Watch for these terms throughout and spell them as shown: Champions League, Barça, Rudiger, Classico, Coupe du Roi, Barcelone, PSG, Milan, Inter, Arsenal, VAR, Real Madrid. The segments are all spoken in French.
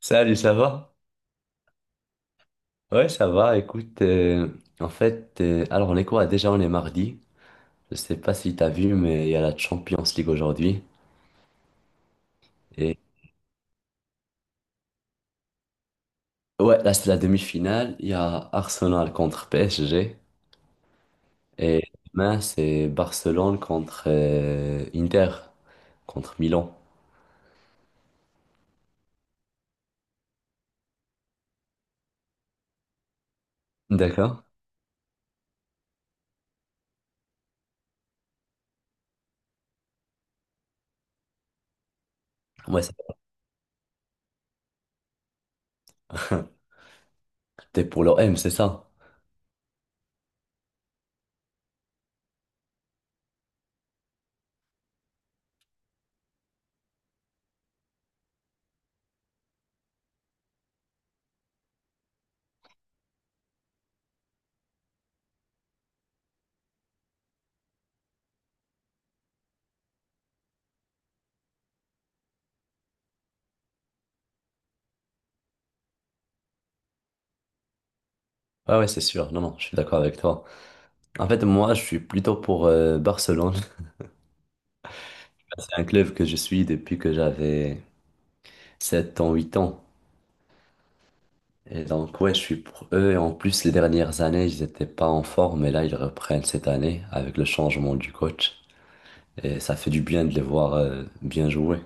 Salut, ça va? Ouais, ça va. Écoute, en fait, alors on est quoi? Déjà, on est mardi. Je sais pas si t'as vu, mais il y a la Champions League aujourd'hui. Et ouais, là, c'est la demi-finale. Il y a Arsenal contre PSG. Et demain, c'est Barcelone contre Inter, contre Milan. D'accord? Ouais. T'es pour l'OM, c'est ça? Ouais, ouais, c'est sûr. Non, non, je suis d'accord avec toi. En fait, moi, je suis plutôt pour Barcelone. C'est un club que je suis depuis que j'avais 7 ans, 8 ans. Et donc, ouais, je suis pour eux. Et en plus, les dernières années, ils n'étaient pas en forme. Mais là, ils reprennent cette année avec le changement du coach. Et ça fait du bien de les voir bien jouer.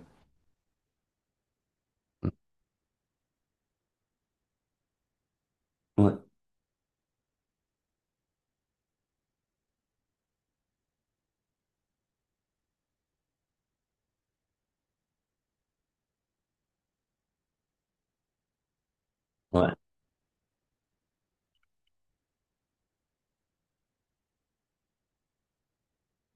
Ouais, ouais.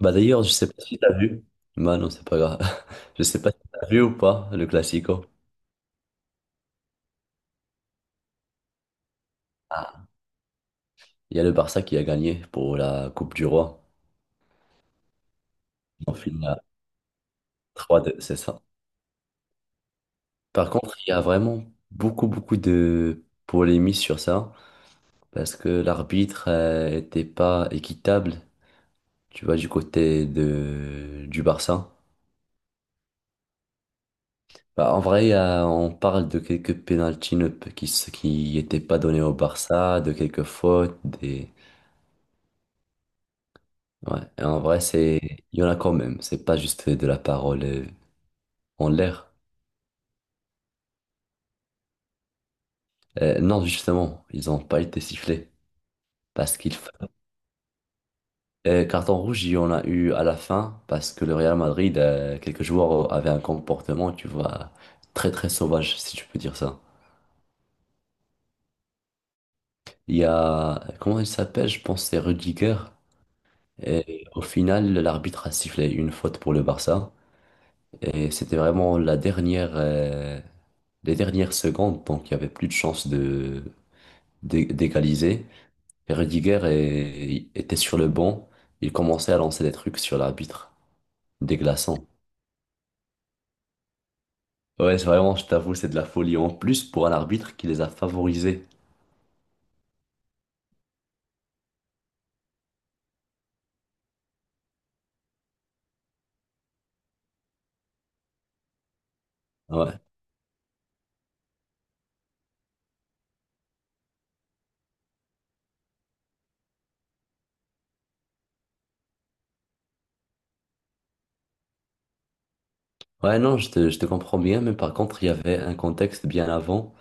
Bah d'ailleurs, je sais pas si t'as vu. Bah non, c'est pas grave. Je sais pas si t'as vu ou pas le Classico. Ah. Il y a le Barça qui a gagné pour la Coupe du Roi. En finale, 3-2, c'est ça. Par contre, il y a vraiment beaucoup, beaucoup de polémies sur ça, parce que l'arbitre était pas équitable, tu vois, du côté de du Barça. Bah, en vrai, on parle de quelques pénaltys qui n'étaient pas donnés au Barça, de quelques fautes, des ouais. Et en vrai, c'est il y en a quand même. C'est pas juste de la parole en l'air. Non, justement, ils ont pas été sifflés parce qu'il fa- carton rouge, il y en a eu à la fin parce que le Real Madrid, quelques joueurs avaient un comportement, tu vois, très très sauvage, si tu peux dire ça. Il y a, comment il s'appelle? Je pense que c'est Rudiger. Et au final, l'arbitre a sifflé une faute pour le Barça. Et c'était vraiment les dernières secondes. Donc, il n'y avait plus de chance d'égaliser. Et Rudiger était sur le banc. Il commençait à lancer des trucs sur l'arbitre, déglaçant. Ouais, c'est vraiment, je t'avoue, c'est de la folie. En plus, pour un arbitre qui les a favorisés. Ouais. Ouais, non, je te comprends bien, mais par contre, il y avait un contexte bien avant,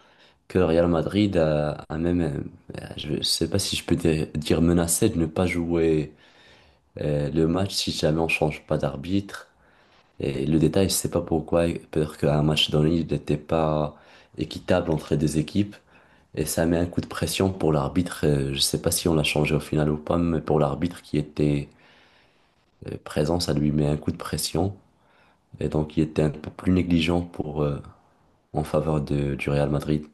que le Real Madrid a même, je ne sais pas si je peux dire menacé de ne pas jouer le match si jamais on change pas d'arbitre. Et le détail, je sais pas pourquoi, peut-être qu'un match donné, il n'était pas équitable entre les deux équipes. Et ça met un coup de pression pour l'arbitre. Je sais pas si on l'a changé au final ou pas, mais pour l'arbitre qui était présent, ça lui met un coup de pression. Et donc, il était un peu plus négligent en faveur du Real Madrid.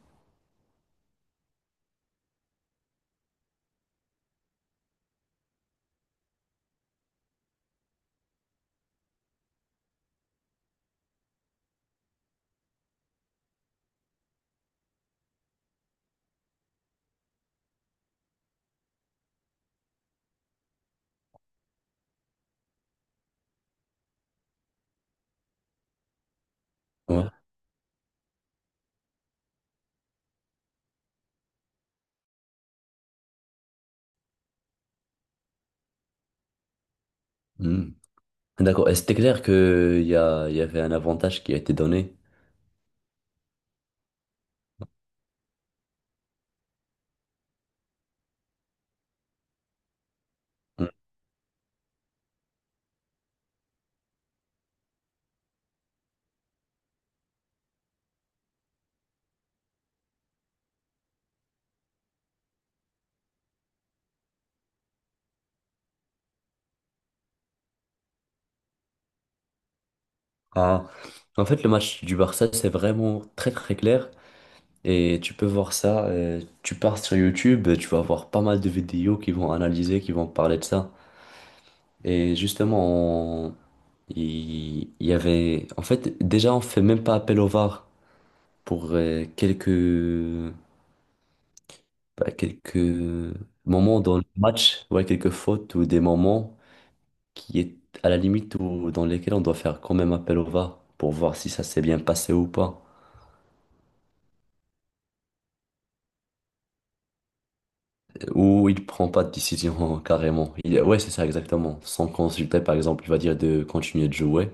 Ouais. Hmm. D'accord. Et c'était clair que il y avait un avantage qui a été donné. Mm. Ah. En fait, le match du Barça, c'est vraiment très très clair. Et tu peux voir ça. Tu pars sur YouTube, tu vas voir pas mal de vidéos qui vont analyser, qui vont parler de ça. Et justement, il y avait. En fait, déjà, on fait même pas appel au VAR pour quelques moments dans le match, ouais, quelques fautes ou des moments qui est à la limite où, dans lesquels on doit faire quand même appel au VAR pour voir si ça s'est bien passé ou pas. Ou il prend pas de décision carrément. Ouais, c'est ça exactement. Sans consulter, par exemple, il va dire de continuer de jouer.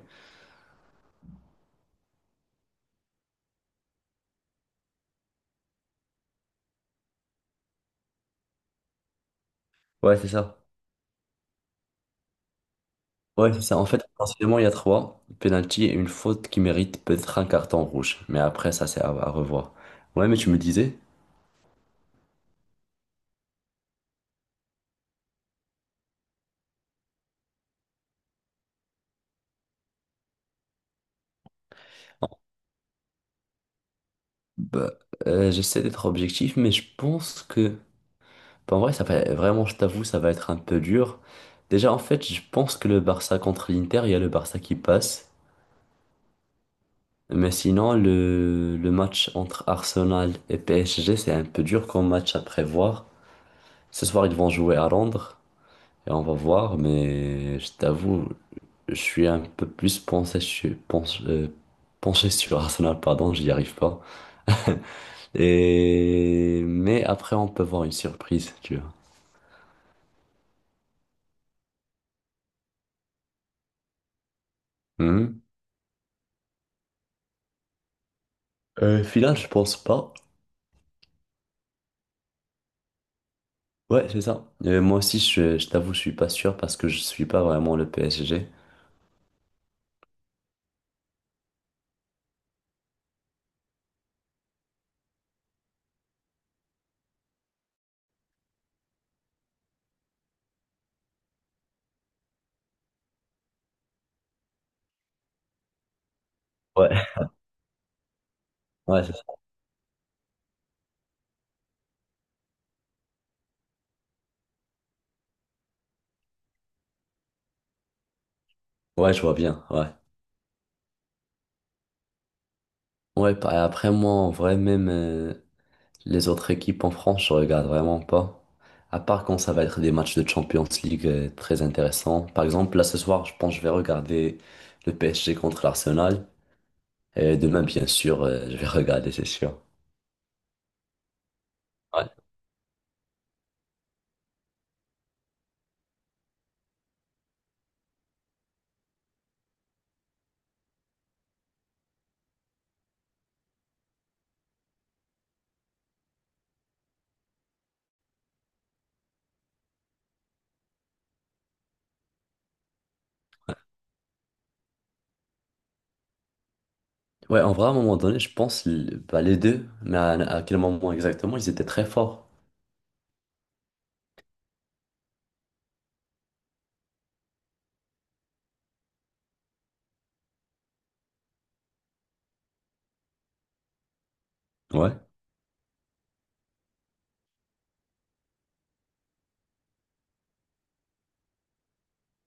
Ouais, c'est ça. Ouais, c'est ça. En fait, forcément, il y a trois penalty et une faute qui mérite peut-être un carton rouge. Mais après, ça, c'est à revoir. Ouais, mais tu me disais, ah, bah, j'essaie d'être objectif, mais je pense que bah, en vrai, ça va vraiment, je t'avoue, ça va être un peu dur. Déjà, en fait, je pense que le Barça contre l'Inter, il y a le Barça qui passe. Mais sinon, le match entre Arsenal et PSG, c'est un peu dur comme match à prévoir. Ce soir, ils vont jouer à Londres et on va voir. Mais je t'avoue, je suis un peu plus penché, penché sur Arsenal, pardon, j'y arrive pas. Et... Mais après, on peut voir une surprise, tu vois. Mhm. Final, je pense pas. Ouais, c'est ça. Moi aussi, je t'avoue, je suis pas sûr parce que je suis pas vraiment le PSG. Ouais. Ouais, c'est ça. Ouais, je vois bien. Ouais. Ouais, après, moi, en vrai, même les autres équipes en France, je regarde vraiment pas. À part quand ça va être des matchs de Champions League très intéressants. Par exemple, là, ce soir, je pense que je vais regarder le PSG contre l'Arsenal. Et demain, bien sûr, je vais regarder, c'est sûr. Ouais. Ouais, en vrai, à un moment donné, je pense, bah, les deux, mais à quel moment exactement, ils étaient très forts. Ouais.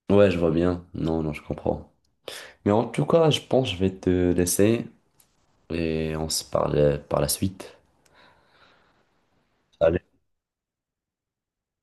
Ouais, je vois bien. Non, non, je comprends. Mais en tout cas, je pense que je vais te laisser et on se parle par la suite. Salut.